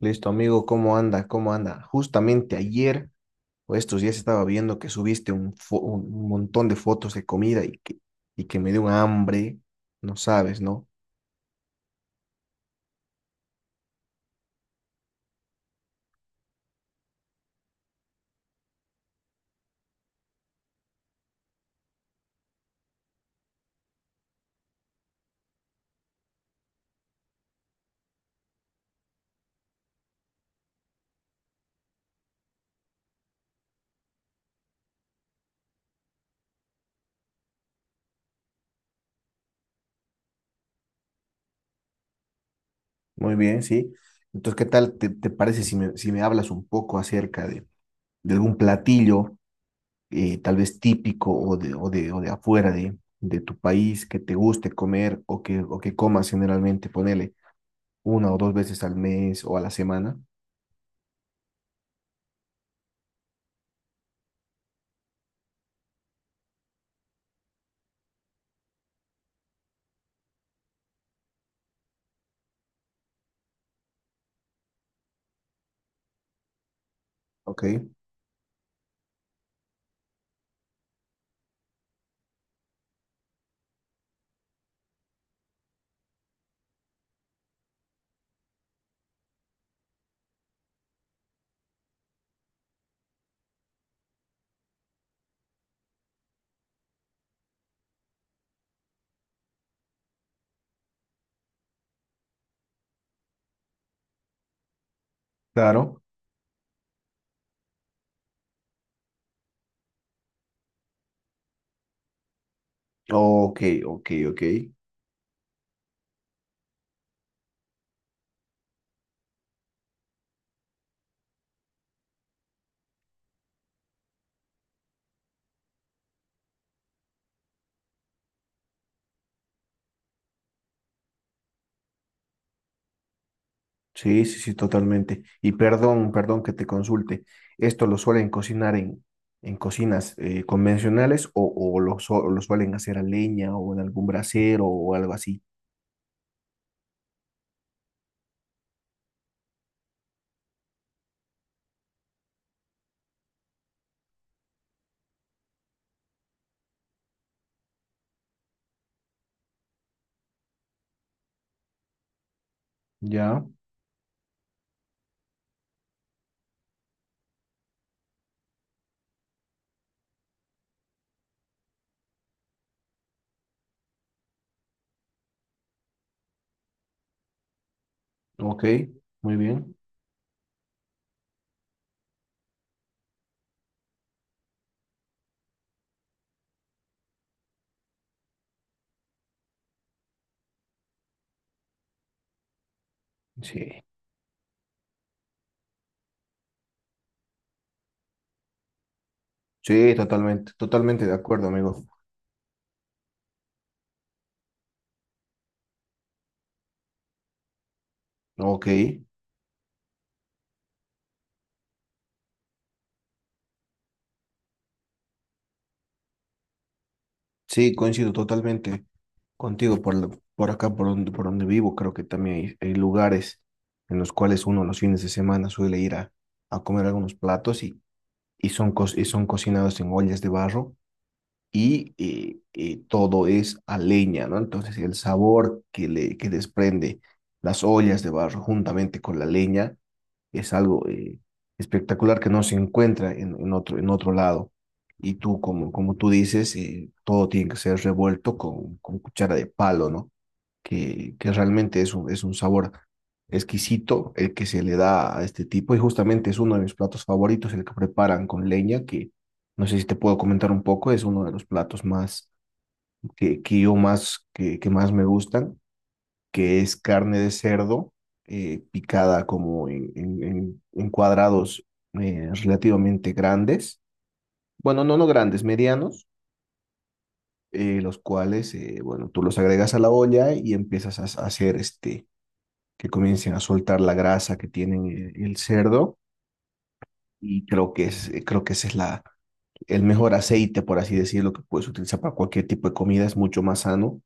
Listo, amigo, ¿cómo anda? ¿Cómo anda? Justamente ayer o estos días estaba viendo que subiste un montón de fotos de comida y que me dio un hambre, no sabes, ¿no? Muy bien, sí. Entonces, ¿qué tal te parece si me hablas un poco acerca de algún platillo, tal vez típico o de afuera de tu país que te guste comer o que comas generalmente, ponele una o dos veces al mes o a la semana? Ok, claro. Ok, ok, ok. Sí, sí, sí, totalmente. Y perdón, perdón que te consulte. ¿Esto lo suelen cocinar en cocinas convencionales o lo suelen hacer a leña o en algún brasero o algo así? Ya, ok, muy bien. Sí, sí, totalmente, totalmente de acuerdo, amigo. Ok, sí, coincido totalmente contigo por acá, por donde vivo. Creo que también hay lugares en los cuales uno los fines de semana suele ir a comer algunos platos y y son cocinados en ollas de barro y, todo es a leña, ¿no? Entonces el sabor que desprende las ollas de barro juntamente con la leña es algo espectacular que no se encuentra en otro lado. Y tú, como, como tú dices, todo tiene que ser revuelto con cuchara de palo, ¿no? Que realmente es un sabor exquisito el que se le da a este tipo y justamente es uno de mis platos favoritos, el que preparan con leña, que no sé si te puedo comentar un poco, es uno de los platos más que más me gustan, que es carne de cerdo picada como en cuadrados relativamente grandes, bueno, no, no grandes, medianos, los cuales, bueno, tú los agregas a la olla y empiezas a hacer este que comiencen a soltar la grasa que tienen el cerdo y creo creo que ese es la, el mejor aceite, por así decirlo, que puedes utilizar para cualquier tipo de comida, es mucho más sano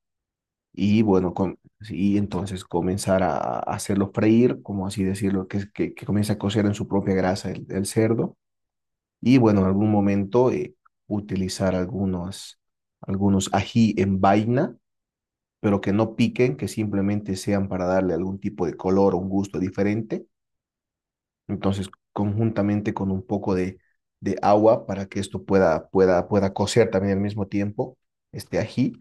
y bueno, com- y entonces comenzar a hacerlo freír, como así decirlo, que comience a cocer en su propia grasa el cerdo y bueno, en algún momento utilizar algunos ají en vaina pero que no piquen, que simplemente sean para darle algún tipo de color o un gusto diferente. Entonces, conjuntamente con un poco de agua para que esto pueda cocer también al mismo tiempo, este ají.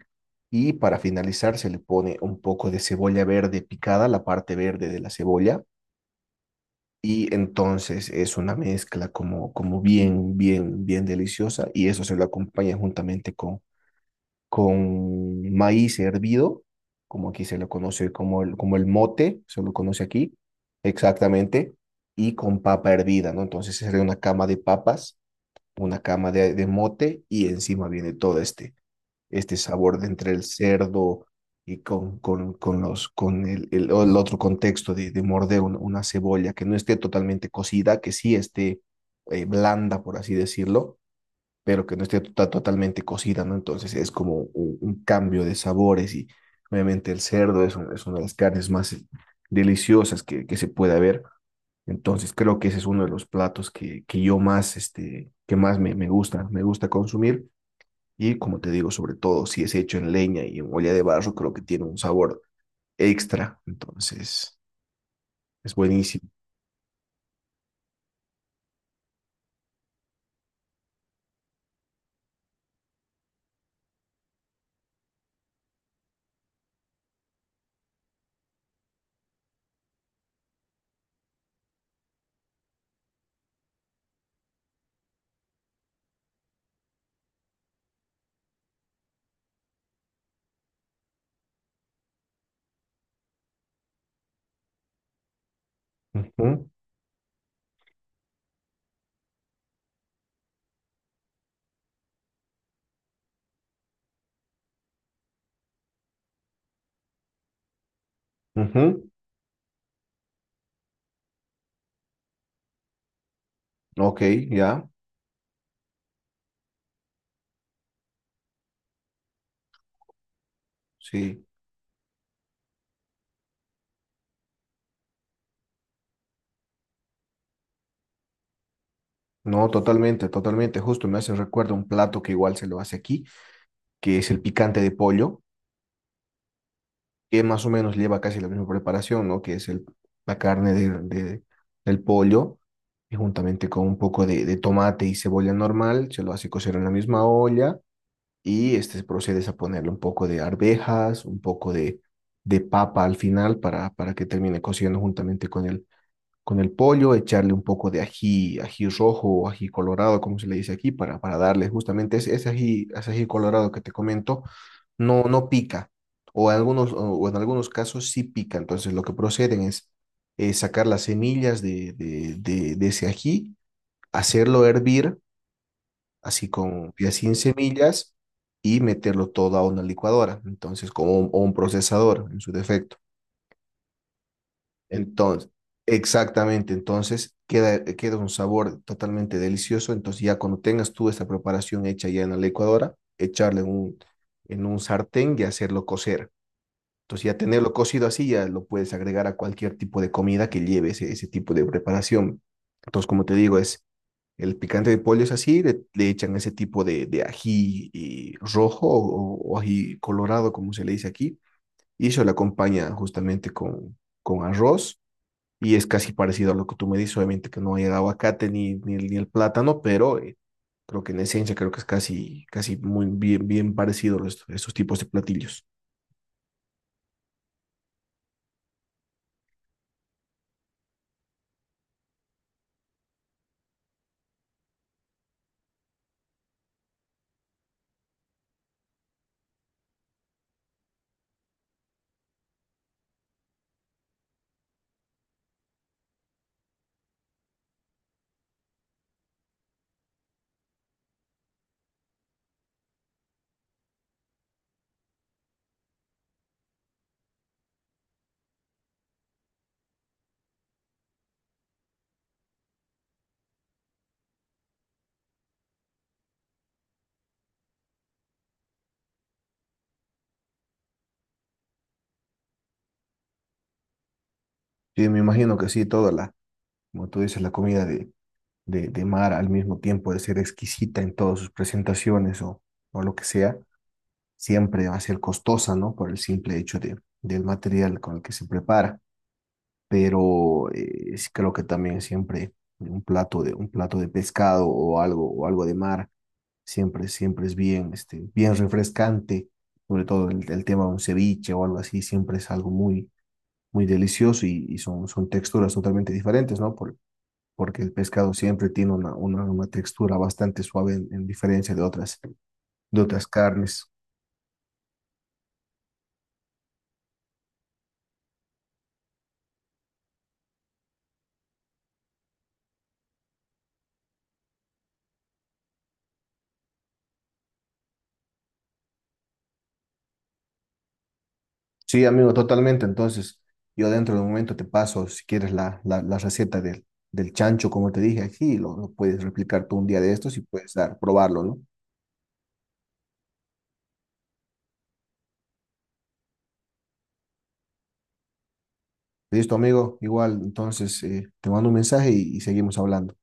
Y para finalizar, se le pone un poco de cebolla verde picada, la parte verde de la cebolla. Y entonces es una mezcla como, como bien, bien, bien deliciosa. Y eso se lo acompaña juntamente con maíz hervido, como aquí se lo conoce como como el mote, se lo conoce aquí, exactamente, y con papa hervida, ¿no? Entonces sería una cama de papas, una cama de mote y encima viene todo este, este sabor de entre el cerdo y con el, el otro contexto de morder una cebolla que no esté totalmente cocida, que sí esté blanda, por así decirlo, pero que no esté to- totalmente cocida, ¿no? Entonces es como un cambio de sabores y obviamente el cerdo es, un- es una de las carnes más deliciosas que se puede ver. Entonces creo que ese es uno de los platos que más me, me gusta consumir. Y como te digo, sobre todo si es hecho en leña y en olla de barro, creo que tiene un sabor extra. Entonces es buenísimo. Ujú, ujú. Ok, ya, sí. No, totalmente, totalmente. Justo me hace recuerdo un plato que igual se lo hace aquí, que es el picante de pollo, que más o menos lleva casi la misma preparación, ¿no? Que es la carne del pollo, y juntamente con un poco de tomate y cebolla normal, se lo hace cocer en la misma olla y este procedes a ponerle un poco de arvejas, un poco de papa al final para que termine cociendo juntamente con el pollo, echarle un poco de ají, ají rojo o ají colorado, como se le dice aquí, para darle justamente ese, ese ají colorado que te comento, no, no pica, o, algunos, o en algunos casos sí pica. Entonces lo que proceden es sacar las semillas de ese ají, hacerlo hervir, así con ya sin semillas, y meterlo todo a una licuadora, entonces como un- o un procesador en su defecto. Entonces, exactamente, entonces queda, queda un sabor totalmente delicioso. Entonces, ya cuando tengas tú esta preparación hecha ya en la licuadora, echarle en un sartén y hacerlo cocer. Entonces, ya tenerlo cocido así, ya lo puedes agregar a cualquier tipo de comida que lleve ese, ese tipo de preparación. Entonces, como te digo, es el picante de pollo es así, le echan ese tipo de ají y rojo o ají colorado, como se le dice aquí, y eso lo acompaña justamente con arroz y es casi parecido a lo que tú me dices, obviamente que no hay el aguacate ni el plátano, pero creo que en esencia creo que es casi, casi muy bien, bien parecido a estos, estos tipos de platillos. Sí, me imagino que sí, toda la, como tú dices, la comida de mar al mismo tiempo de ser exquisita en todas sus presentaciones o lo que sea, siempre va a ser costosa, ¿no? Por el simple hecho de, del material con el que se prepara. Pero creo que también siempre un plato de pescado o algo de mar, siempre, siempre es bien, este, bien refrescante, sobre todo el tema de un ceviche o algo así, siempre es algo muy, muy delicioso y son, son texturas totalmente diferentes, ¿no? Por- porque el pescado siempre tiene una, una textura bastante suave en diferencia de otras carnes. Sí, amigo, totalmente. Entonces, yo dentro de un momento te paso, si quieres, la receta del, del chancho, como te dije aquí, y lo puedes replicar tú un día de estos y puedes dar, probarlo, ¿no? Listo, amigo, igual, entonces, te mando un mensaje y seguimos hablando.